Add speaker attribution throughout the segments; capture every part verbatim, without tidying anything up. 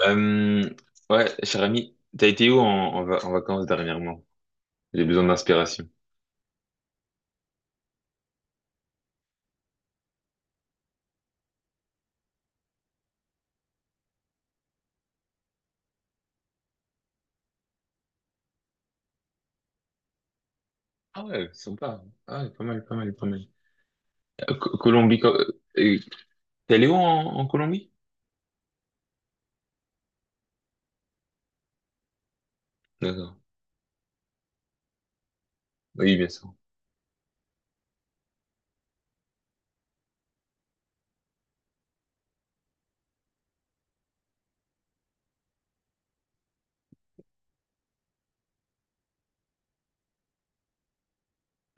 Speaker 1: Euh, ouais, cher ami, t'as été où en, en, va- en vacances dernièrement? J'ai besoin d'inspiration. Ah ouais, sympa. Ah ouais, pas mal, pas mal, pas mal. Euh, Co- Colombie, co- euh, T'es allé où en, en Colombie? D'accord. Oui, bien sûr.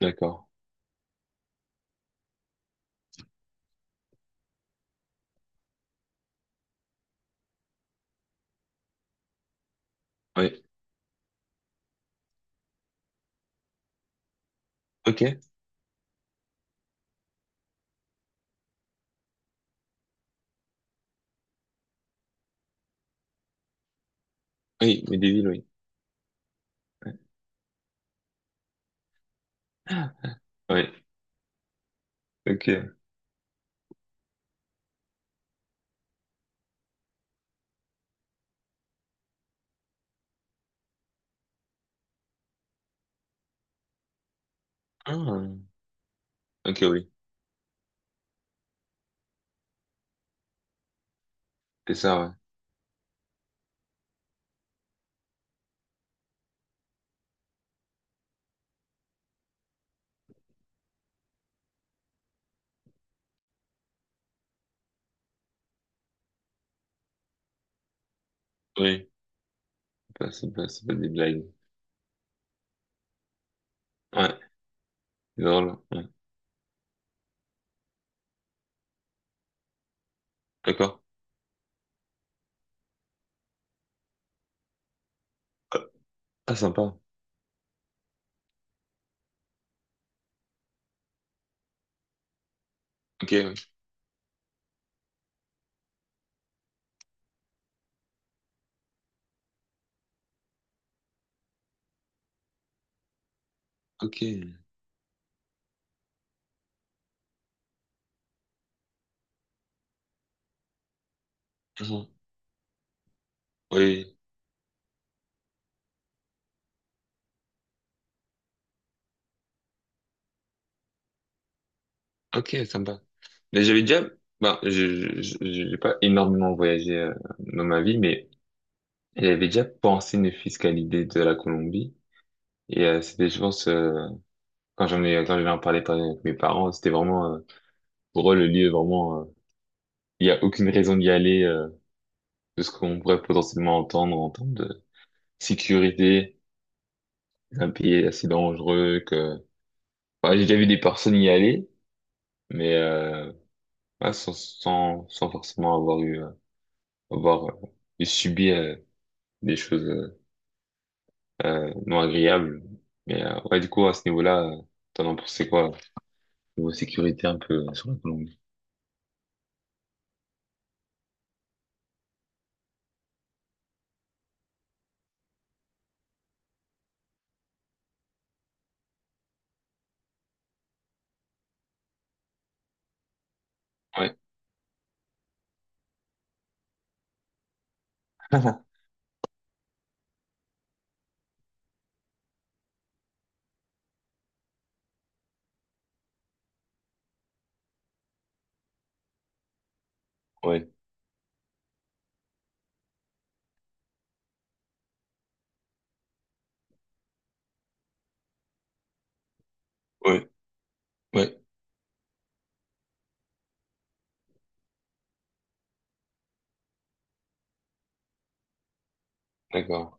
Speaker 1: D'accord. Oui. Ok. Oui, mais des villes, oui. Oui. Ok. Ah. Ok, oui. C'est ça, ouais. Oui. C'est pas, c'est pas, c'est pas des blagues. Ouais. C'est drôle. Ouais. D'accord. Ah, sympa. Ok, oui. Ok. Mhm. Oui. Ok, sympa. Mais j'avais déjà, ben, je, je, je- j'ai pas énormément voyagé euh, dans ma vie, mais j'avais déjà pensé une fiscalité de la Colombie. Et euh, c'était, je pense, euh, quand j'en ai, quand j'en ai parlé par- avec mes parents, c'était vraiment, euh, pour eux, le lieu, vraiment, euh, il y a aucune raison d'y aller, euh, de ce qu'on pourrait potentiellement entendre en termes de sécurité. C'est un pays assez dangereux que, enfin, j'ai déjà vu des personnes y aller, mais euh, ouais, sans, sans, sans forcément avoir eu, euh, avoir euh, subi euh, des choses euh, euh, non agréables. Mais euh, ouais, du coup, à ce niveau-là, euh, t'en as pensé quoi? Niveau sécurité un peu euh, sur la Colombie. Ouais. Ouais. Ouais. Ouais. D'accord.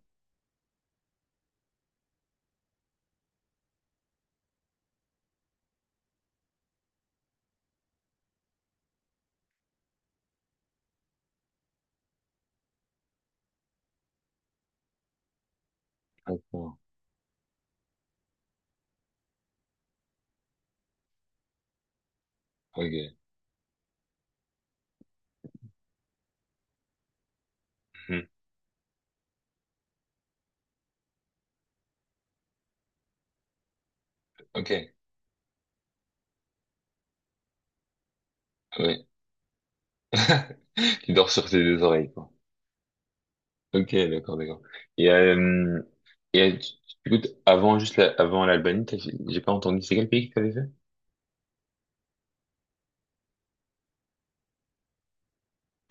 Speaker 1: D'accord. Ok. Mhm. Ok. Ouais. Tu dors sur tes deux oreilles, quoi. Ok, d'accord, d'accord. Et, euh, et euh, tu- tu- Écoute, avant juste la- avant l'Albanie, t'as- j'ai pas entendu. C'est quel pays que t'avais fait?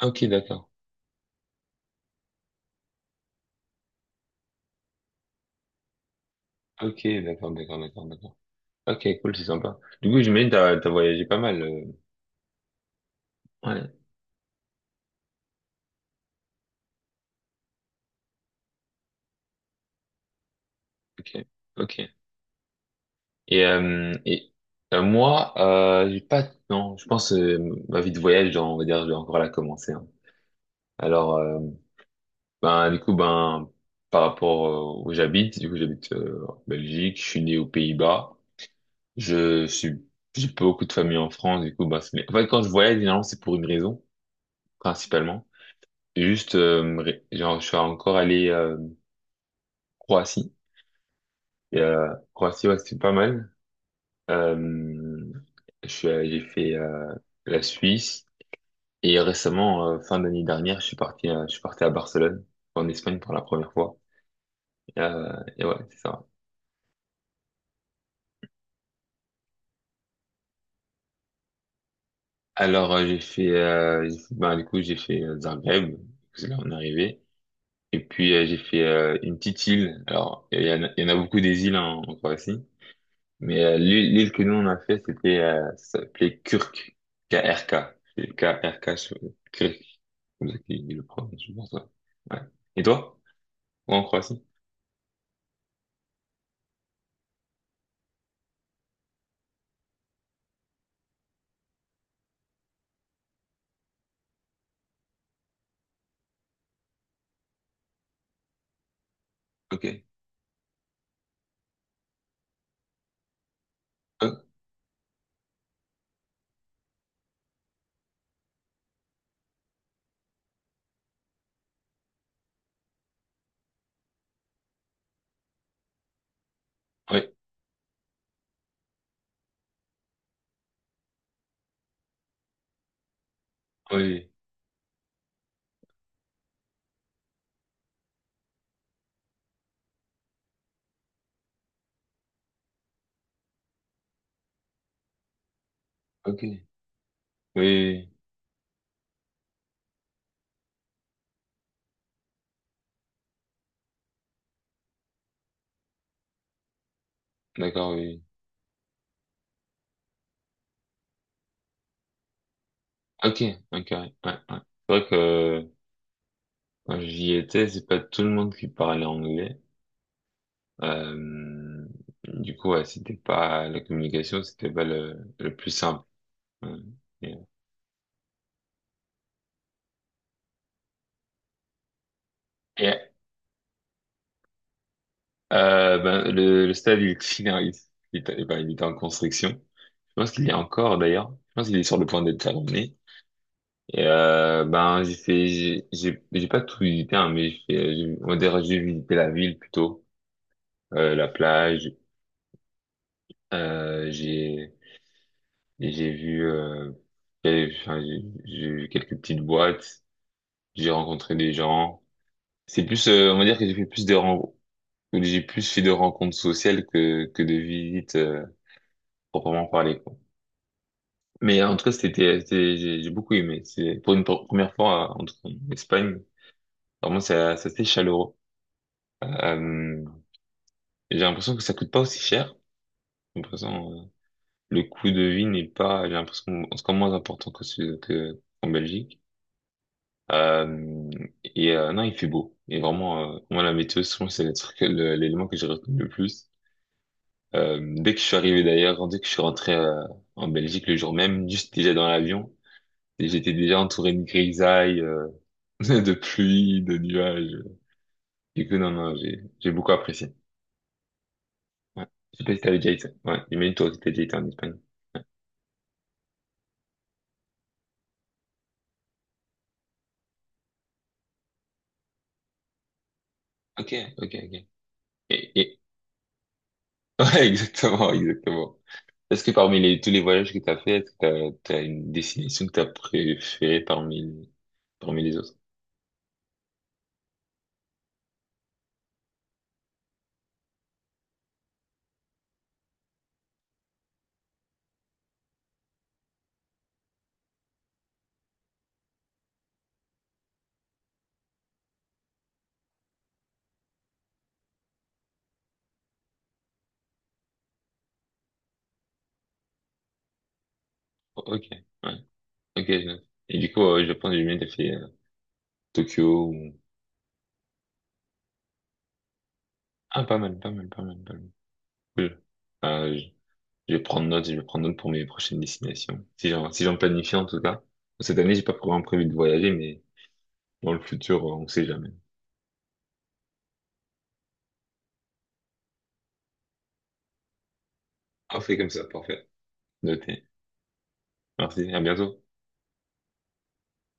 Speaker 1: Ok, d'accord. Ok, d'accord, d'accord, d'accord, d'accord. Ok, cool, c'est sympa. Du coup, j'imagine que t'as t'as voyagé pas mal. euh. Ouais. Ok, ok. Et, euh, et euh, Moi, euh, j'ai pas. Non, je pense euh, ma vie de voyage, genre, on va dire, je vais encore la commencer, hein. Alors, euh, ben du coup, ben par rapport euh, où j'habite, du coup, j'habite euh, en Belgique. Je suis né aux Pays-Bas. Je suis, j'ai pas beaucoup de famille en France. Du coup, ben c'est- mais en fait, quand je voyage, généralement, c'est pour une raison principalement. C'est juste, euh, me ré- genre, je suis encore allé euh, Croatie. Et, euh, Croatie, ouais, c'était pas mal. Euh, je suis, allé- j'ai fait euh, la Suisse et récemment, euh, fin d'année dernière, je suis parti, euh, je suis parti à Barcelone, en Espagne pour la première fois. Euh, et ouais, c'est ça. Alors euh, j'ai fait, euh, j'ai fait- bah, du coup j'ai fait euh, Zagreb, parce que là on est arrivé. Et puis euh, j'ai fait euh, une petite île. Alors il y en a, il y en a beaucoup des îles en en Croatie. Mais euh, l'île l'île que nous on a fait, c'était euh, ça s'appelait Kurk, K R K. C'est K R K sur Kurk, comme ça qu'il dit le prononce, je pense. Ouais. Ouais. Et toi? Ouais, en Croatie? Ok. Euh, oui, oui, oui, oui. Ok, oui, oui, oui. D'accord, oui, oui. Ok, ok, ouais, ouais, ouais. C'est vrai que euh, quand j'y étais, c'est pas tout le monde qui parlait anglais. Euh, du coup, ouais, c'était pas la communication, c'était pas le, le plus simple. Ouais. Et, Euh, ben, le, le stade, il finalise. Il, est- ben, il est en construction. Je pense qu'il y est encore, d'ailleurs. Je pense qu'il est sur le point d'être terminé. Et, euh, ben, j'ai fait, j'ai, j'ai j'ai pas tout visité, hein, mais j'ai, fait- j'ai- on va dire, j'ai visité la ville plutôt, euh, la plage, euh, j'ai, et j'ai vu, euh, j'ai enfin, j'ai- j'ai vu quelques petites boîtes, j'ai rencontré des gens. C'est plus, euh, on va dire que j'ai fait plus de rencontres, j'ai plus fait de rencontres sociales que, que de visites, euh, proprement parlées. Mais en tout cas, c'était, c'était- j'ai j'ai beaucoup aimé. C'est pour une pr- première fois euh, en, en Espagne. Vraiment, c'est c'est assez chaleureux. Euh, j'ai l'impression que ça coûte pas aussi cher. J'ai l'impression, euh, le coût de vie n'est pas, j'ai l'impression, en tout cas moins important que ce, que, en Belgique. Euh, et euh, non, il fait beau. Et vraiment, euh, moi, la météo, souvent, c'est le truc, le- l'élément que j'ai retenu le plus. Euh, dès que je suis arrivé d'ailleurs, dès que je suis rentré euh, en Belgique le jour même, juste déjà dans l'avion, j'étais déjà entouré de grisailles. euh, de pluie, de nuages. Du coup, non, non, j'ai, j'ai beaucoup apprécié. Ouais. Je sais pas si t'avais déjà été, ouais, j'imagine toi aussi t'as déjà été en Espagne. Ok, ok, ok. Et, et... Ouais, exactement, exactement. Est-ce que parmi les, tous les voyages que t'as fait, est-ce que t'as, t'as une destination que t'as préférée parmi, parmi les autres? Ok, ouais, ok. Je- note. Et du coup, euh, je pense que j'ai bien fait euh, Tokyo ou... Ah, pas mal, pas mal, pas mal, pas mal. Cool. Euh, Je vais prendre note, je vais prendre note pour mes prochaines destinations. Si j'en, si j'en planifie en tout cas. Cette année, j'ai pas vraiment prévu de voyager, mais dans le futur, on sait jamais. Ah, on fait comme ça, parfait. Noté. Merci, à bientôt.